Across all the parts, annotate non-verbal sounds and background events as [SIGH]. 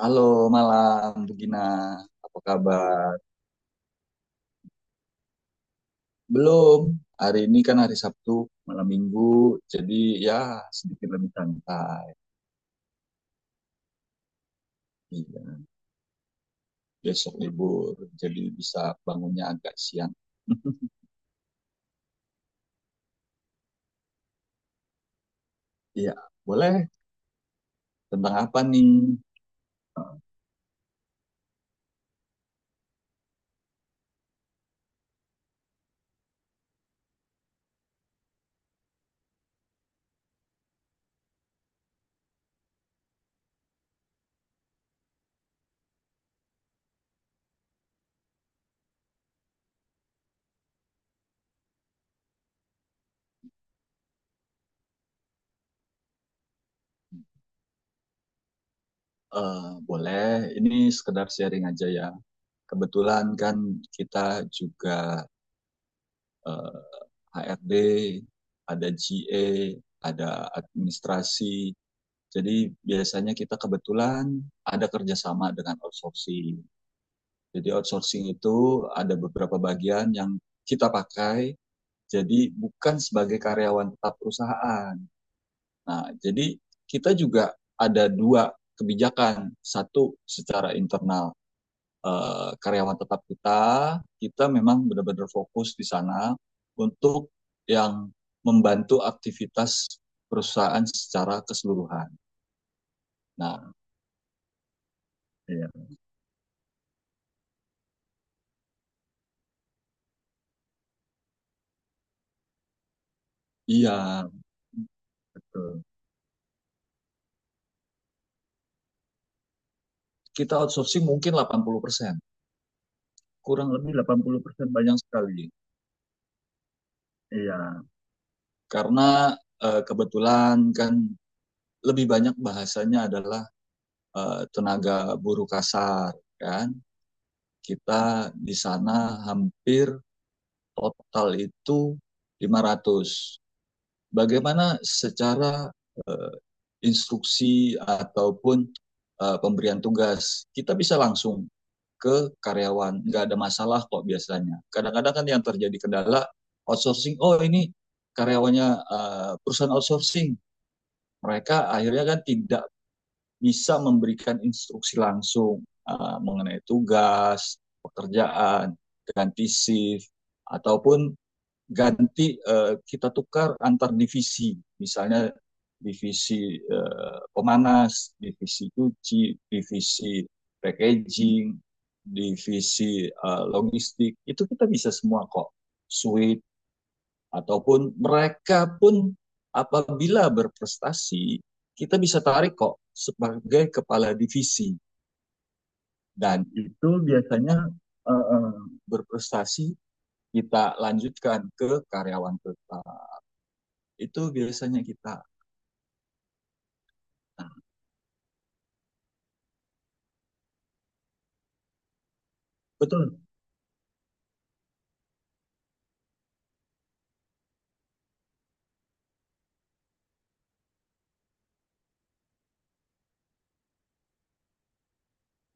Halo malam, Bu Gina. Apa kabar? Belum. Hari ini kan hari Sabtu, malam Minggu. Jadi ya sedikit lebih santai. Iya, besok libur. Jadi bisa bangunnya agak siang. [LAUGHS] Iya, boleh. Tentang apa nih? Eh, Boleh. Ini sekedar sharing aja ya. Kebetulan kan kita juga eh, HRD, ada GA, ada administrasi. Jadi biasanya kita kebetulan ada kerjasama dengan outsourcing. Jadi outsourcing itu ada beberapa bagian yang kita pakai, jadi bukan sebagai karyawan tetap perusahaan. Nah, jadi kita juga ada dua kebijakan. Satu secara internal, karyawan tetap kita, kita memang benar-benar fokus di sana untuk yang membantu aktivitas perusahaan secara keseluruhan. Nah, iya. Iya, betul. Kita outsourcing mungkin 80%, kurang lebih 80% banyak sekali. Iya, karena kebetulan kan lebih banyak bahasanya adalah tenaga buruh kasar, kan. Kita di sana hampir total itu 500. Bagaimana secara eh, instruksi ataupun pemberian tugas? Kita bisa langsung ke karyawan, nggak ada masalah kok. Biasanya kadang-kadang kan yang terjadi kendala outsourcing, oh ini karyawannya perusahaan outsourcing, mereka akhirnya kan tidak bisa memberikan instruksi langsung mengenai tugas pekerjaan, ganti shift ataupun ganti, kita tukar antar divisi, misalnya divisi pemanas, divisi cuci, divisi packaging, divisi logistik, itu kita bisa semua kok. Suite ataupun mereka pun apabila berprestasi kita bisa tarik kok sebagai kepala divisi. Dan itu biasanya uh, berprestasi kita lanjutkan ke karyawan tetap, itu biasanya kita. Nah, betul.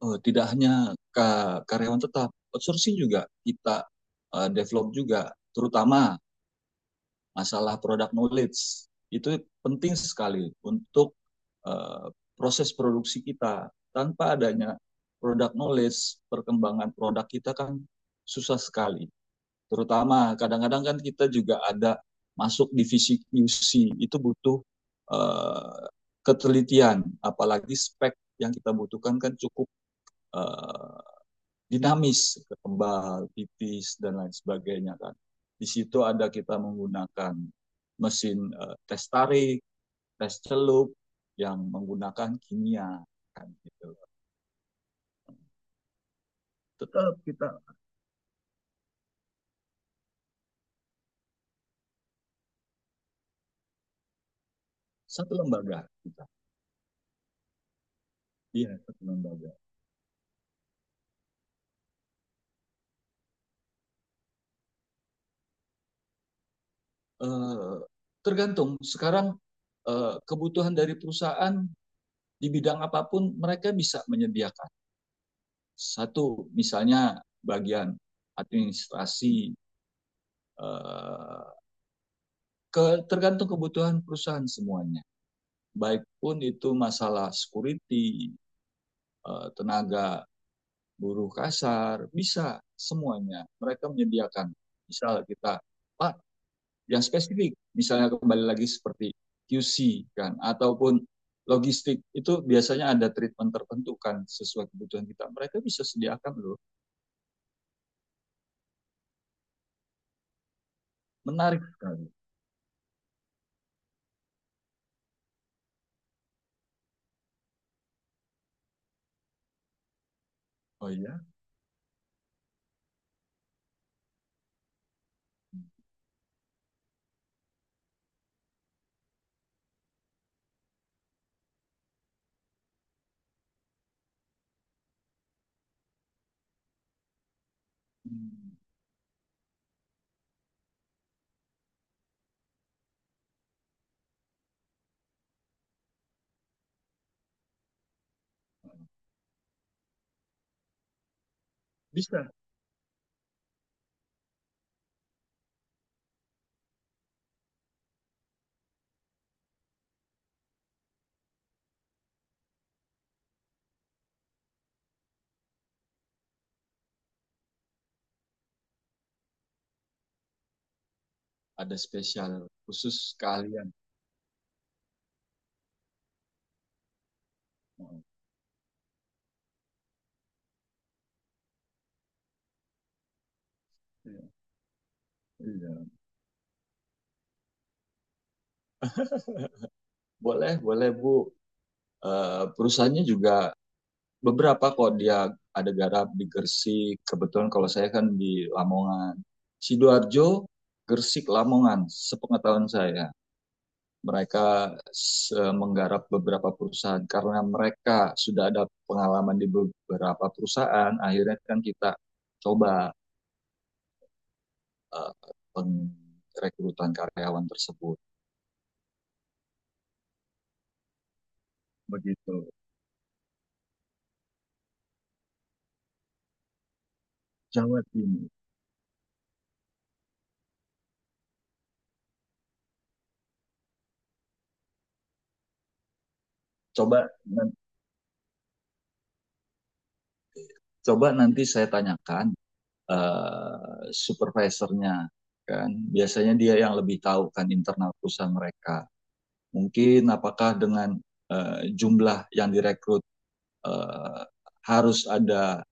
Tidak hanya karyawan tetap, outsourcing juga kita develop juga, terutama masalah product knowledge. Itu penting sekali untuk eh, proses produksi kita. Tanpa adanya product knowledge, perkembangan produk kita kan susah sekali. Terutama kadang-kadang kan kita juga ada masuk divisi QC, itu butuh uh, ketelitian. Apalagi spek yang kita butuhkan kan cukup uh, dinamis, kembal tipis dan lain sebagainya kan. Di situ ada kita menggunakan mesin tes tarik, tes celup, yang menggunakan kimia kan, gitu. Tetap kita satu lembaga, kita iya satu lembaga. eh, Tergantung sekarang kebutuhan dari perusahaan. Di bidang apapun mereka bisa menyediakan. Satu misalnya bagian administrasi, eh, ke tergantung kebutuhan perusahaan semuanya, baik pun itu masalah security, tenaga buruh kasar, bisa semuanya mereka menyediakan. Misal kita pak yang spesifik misalnya, kembali lagi seperti QC kan ataupun logistik, itu biasanya ada treatment tertentu kan sesuai kebutuhan kita, mereka bisa sediakan loh. Menarik sekali. Oh ya. Hmm. Bisa. Ada spesial khusus kalian. Oh, iya. Iya. Boleh, boleh Bu. Perusahaannya juga beberapa kok dia. Ada garap di Gresik. Kebetulan kalau saya kan di Lamongan, Sidoarjo, Gresik, Lamongan. Sepengetahuan saya mereka menggarap beberapa perusahaan, karena mereka sudah ada pengalaman di beberapa perusahaan, akhirnya kan kita coba eh, pengrekrutan karyawan tersebut, begitu. Jawa Timur. Coba, coba nanti saya tanyakan supervisornya kan, biasanya dia yang lebih tahu kan internal perusahaan mereka. Mungkin apakah dengan jumlah yang direkrut eh, harus ada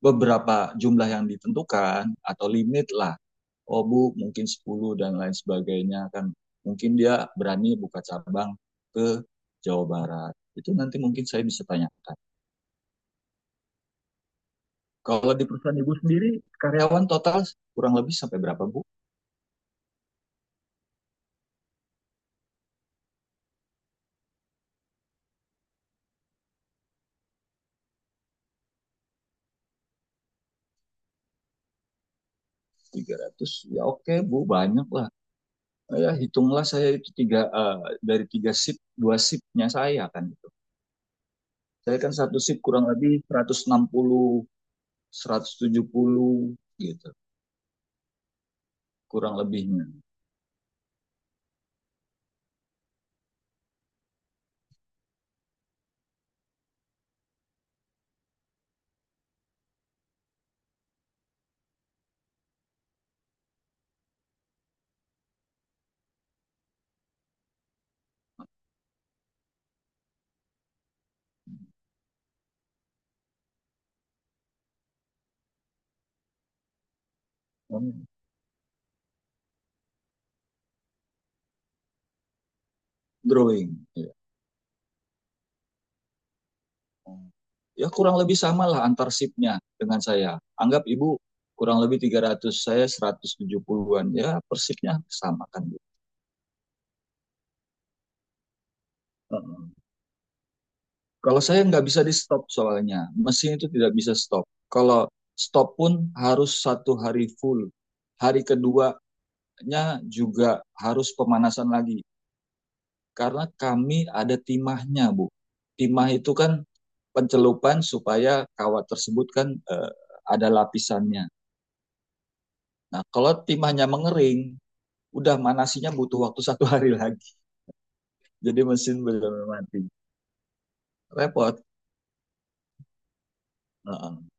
beberapa jumlah yang ditentukan atau limit lah. Oh Bu, mungkin 10 dan lain sebagainya kan. Mungkin dia berani buka cabang ke Jawa Barat. Itu nanti mungkin saya bisa tanyakan. Kalau di perusahaan ibu sendiri, karyawan total kurang lebih sampai berapa, Bu? 300. Ya, oke Bu, banyak lah. Ya hitunglah saya itu tiga, dari tiga sip, dua sipnya saya kan, gitu. Saya kan satu sip kurang lebih seratus 160, 170, gitu, kurang lebihnya. Hmm, Drawing. Ya. Ya, kurang lebih sama lah antar sipnya dengan saya. Anggap ibu kurang lebih 300, saya 170-an. Ya, persipnya sama kan, Bu. Heeh. Kalau saya nggak bisa di stop soalnya. Mesin itu tidak bisa stop. Kalau stop pun harus satu hari full. Hari keduanya juga harus pemanasan lagi. Karena kami ada timahnya, Bu. Timah itu kan pencelupan supaya kawat tersebut kan ada lapisannya. Nah, kalau tim hanya mengering, udah manasinya butuh waktu satu hari lagi. Jadi mesin benar-benar mati. Repot. Heeh.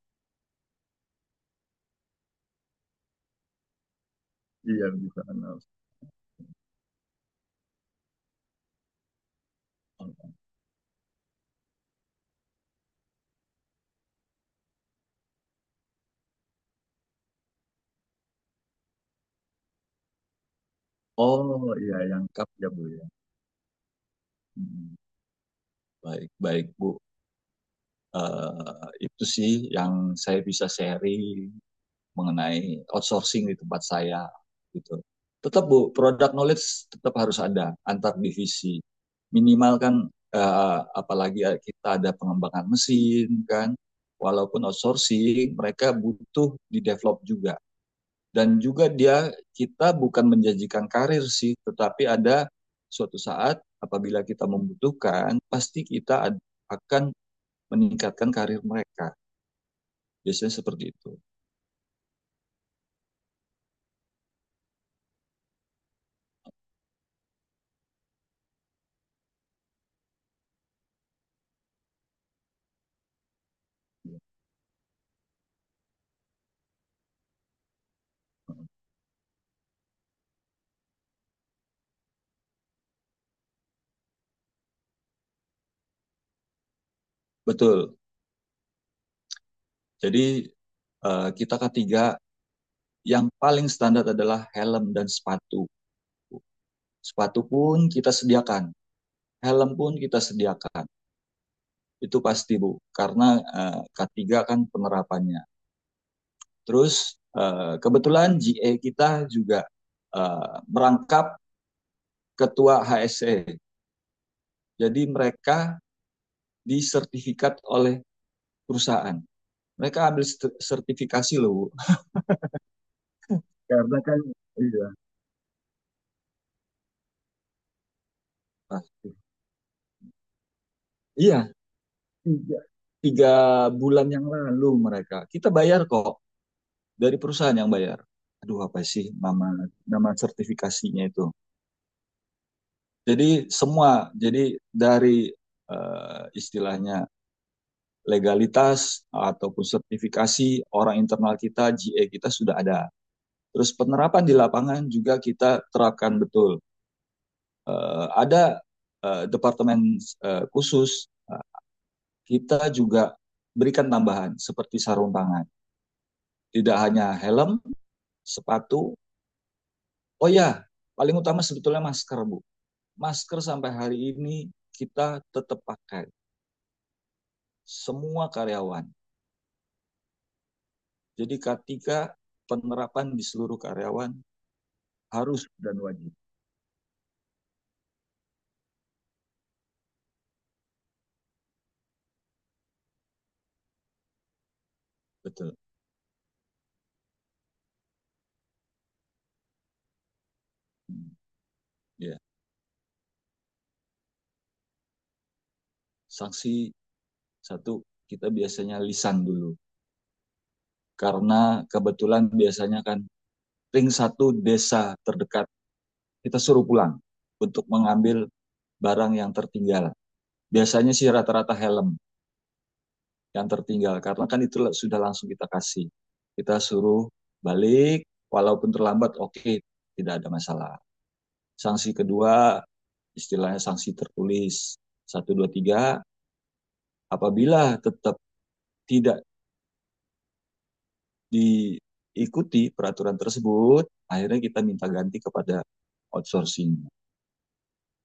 Iya bisa. Oh, iya yang lengkap ya Bu ya. Mm. Baik, baik, Bu. Itu sih yang saya bisa sharing mengenai outsourcing di tempat saya, gitu. Tetap Bu, product knowledge tetap harus ada antar divisi. Minimal kan, apalagi kita ada pengembangan mesin kan. Walaupun outsourcing, mereka butuh di develop juga. Dan juga dia, kita bukan menjanjikan karir sih, tetapi ada suatu saat apabila kita membutuhkan, pasti kita akan meningkatkan karir mereka. Biasanya seperti itu. Betul. Jadi kita ketiga yang paling standar adalah helm dan sepatu. Sepatu pun kita sediakan, helm pun kita sediakan. Itu pasti Bu, karena K3 kan penerapannya. Terus kebetulan GA kita juga merangkap ketua HSE. Jadi mereka disertifikat oleh perusahaan. Mereka ambil sertifikasi loh, Bu. Karena kan iya, pasti. Iya, tiga, tiga bulan yang lalu mereka. Kita bayar kok, dari perusahaan yang bayar. Aduh, apa sih nama, nama sertifikasinya itu. Jadi semua jadi dari istilahnya legalitas ataupun sertifikasi orang internal kita, GA kita sudah ada. Terus penerapan di lapangan juga kita terapkan betul. Ada departemen khusus. Kita juga berikan tambahan seperti sarung tangan. Tidak hanya helm, sepatu. Oh ya, paling utama sebetulnya masker, Bu. Masker sampai hari ini kita tetap pakai. Semua karyawan. Jadi ketika penerapan di seluruh karyawan, harus dan wajib. Betul. Ya. Sanksi satu, kita biasanya lisan dulu. Karena kebetulan biasanya kan ring satu desa terdekat, kita suruh pulang untuk mengambil barang yang tertinggal. Biasanya sih rata-rata helm yang tertinggal, karena kan itu sudah langsung kita kasih. Kita suruh balik walaupun terlambat, oke tidak ada masalah. Sanksi kedua istilahnya sanksi tertulis satu, dua, tiga. Apabila tetap tidak diikuti peraturan tersebut, akhirnya kita minta ganti kepada outsourcing.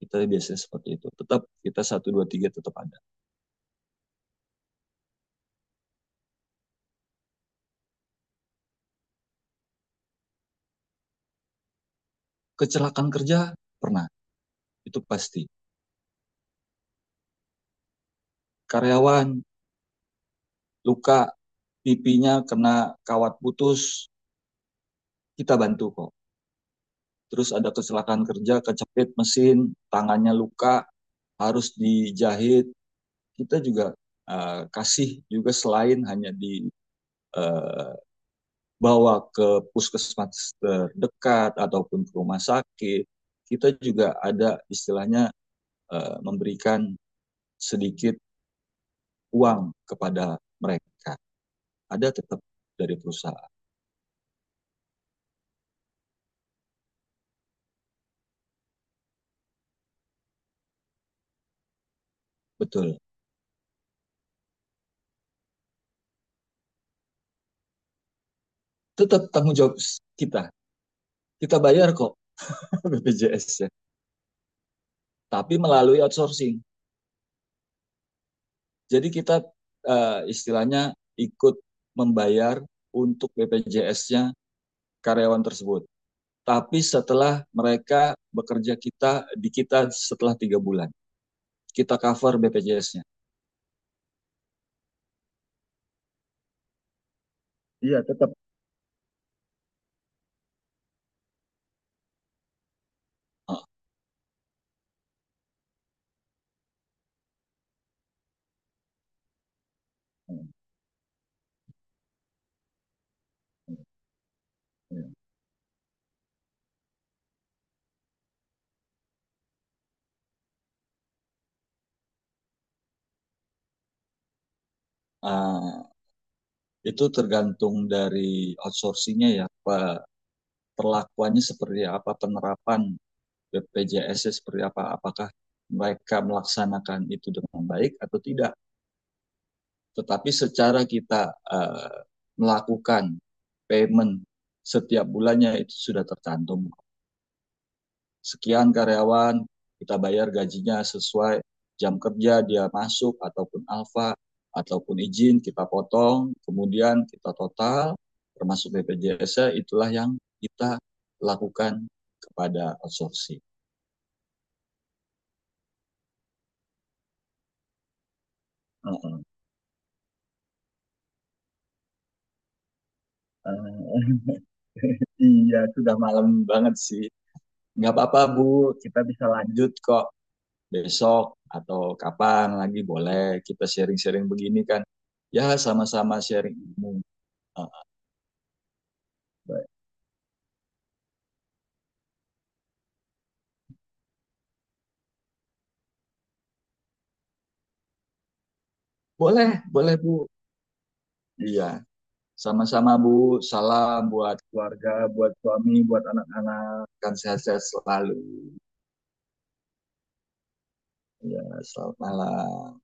Kita biasanya seperti itu, tetap kita satu, dua, tiga tetap ada. Kecelakaan kerja pernah, itu pasti. Karyawan luka, pipinya kena kawat putus, kita bantu kok. Terus ada kecelakaan kerja, kecepit mesin, tangannya luka, harus dijahit. Kita juga kasih juga, selain hanya dibawa ke puskesmas terdekat ataupun ke rumah sakit, kita juga ada istilahnya memberikan sedikit uang kepada mereka. Ada tetap dari perusahaan, betul. Tetap tanggung jawab kita. Kita bayar kok [LAUGHS] BPJS-nya, tapi melalui outsourcing. Jadi kita istilahnya ikut membayar untuk BPJS nya karyawan tersebut. Tapi setelah mereka bekerja, kita setelah 3 bulan kita cover BPJS nya. Iya, tetap. Ah, iya. Ah, itu tergantung dari outsourcingnya ya, perlakuannya seperti apa, penerapan BPJS -nya seperti apa, apakah mereka melaksanakan itu dengan baik atau tidak. Tetapi secara kita eh, melakukan payment setiap bulannya itu sudah tercantum. Sekian karyawan, kita bayar gajinya sesuai jam kerja dia masuk ataupun alfa ataupun izin kita potong, kemudian kita total termasuk BPJS, itulah yang kita lakukan kepada outsourcing. Heeh. Eh, [LAUGHS] Iya, sudah malam banget sih. Nggak apa-apa, Bu. Kita bisa lanjut kok besok atau kapan lagi, boleh kita sharing-sharing begini kan. Ya, sama-sama sharing ilmu. Ah. Boleh, boleh Bu. Iya, sama-sama Bu. Salam buat keluarga, buat suami, buat anak-anak. Kan sehat-sehat selalu. Ya, selamat malam.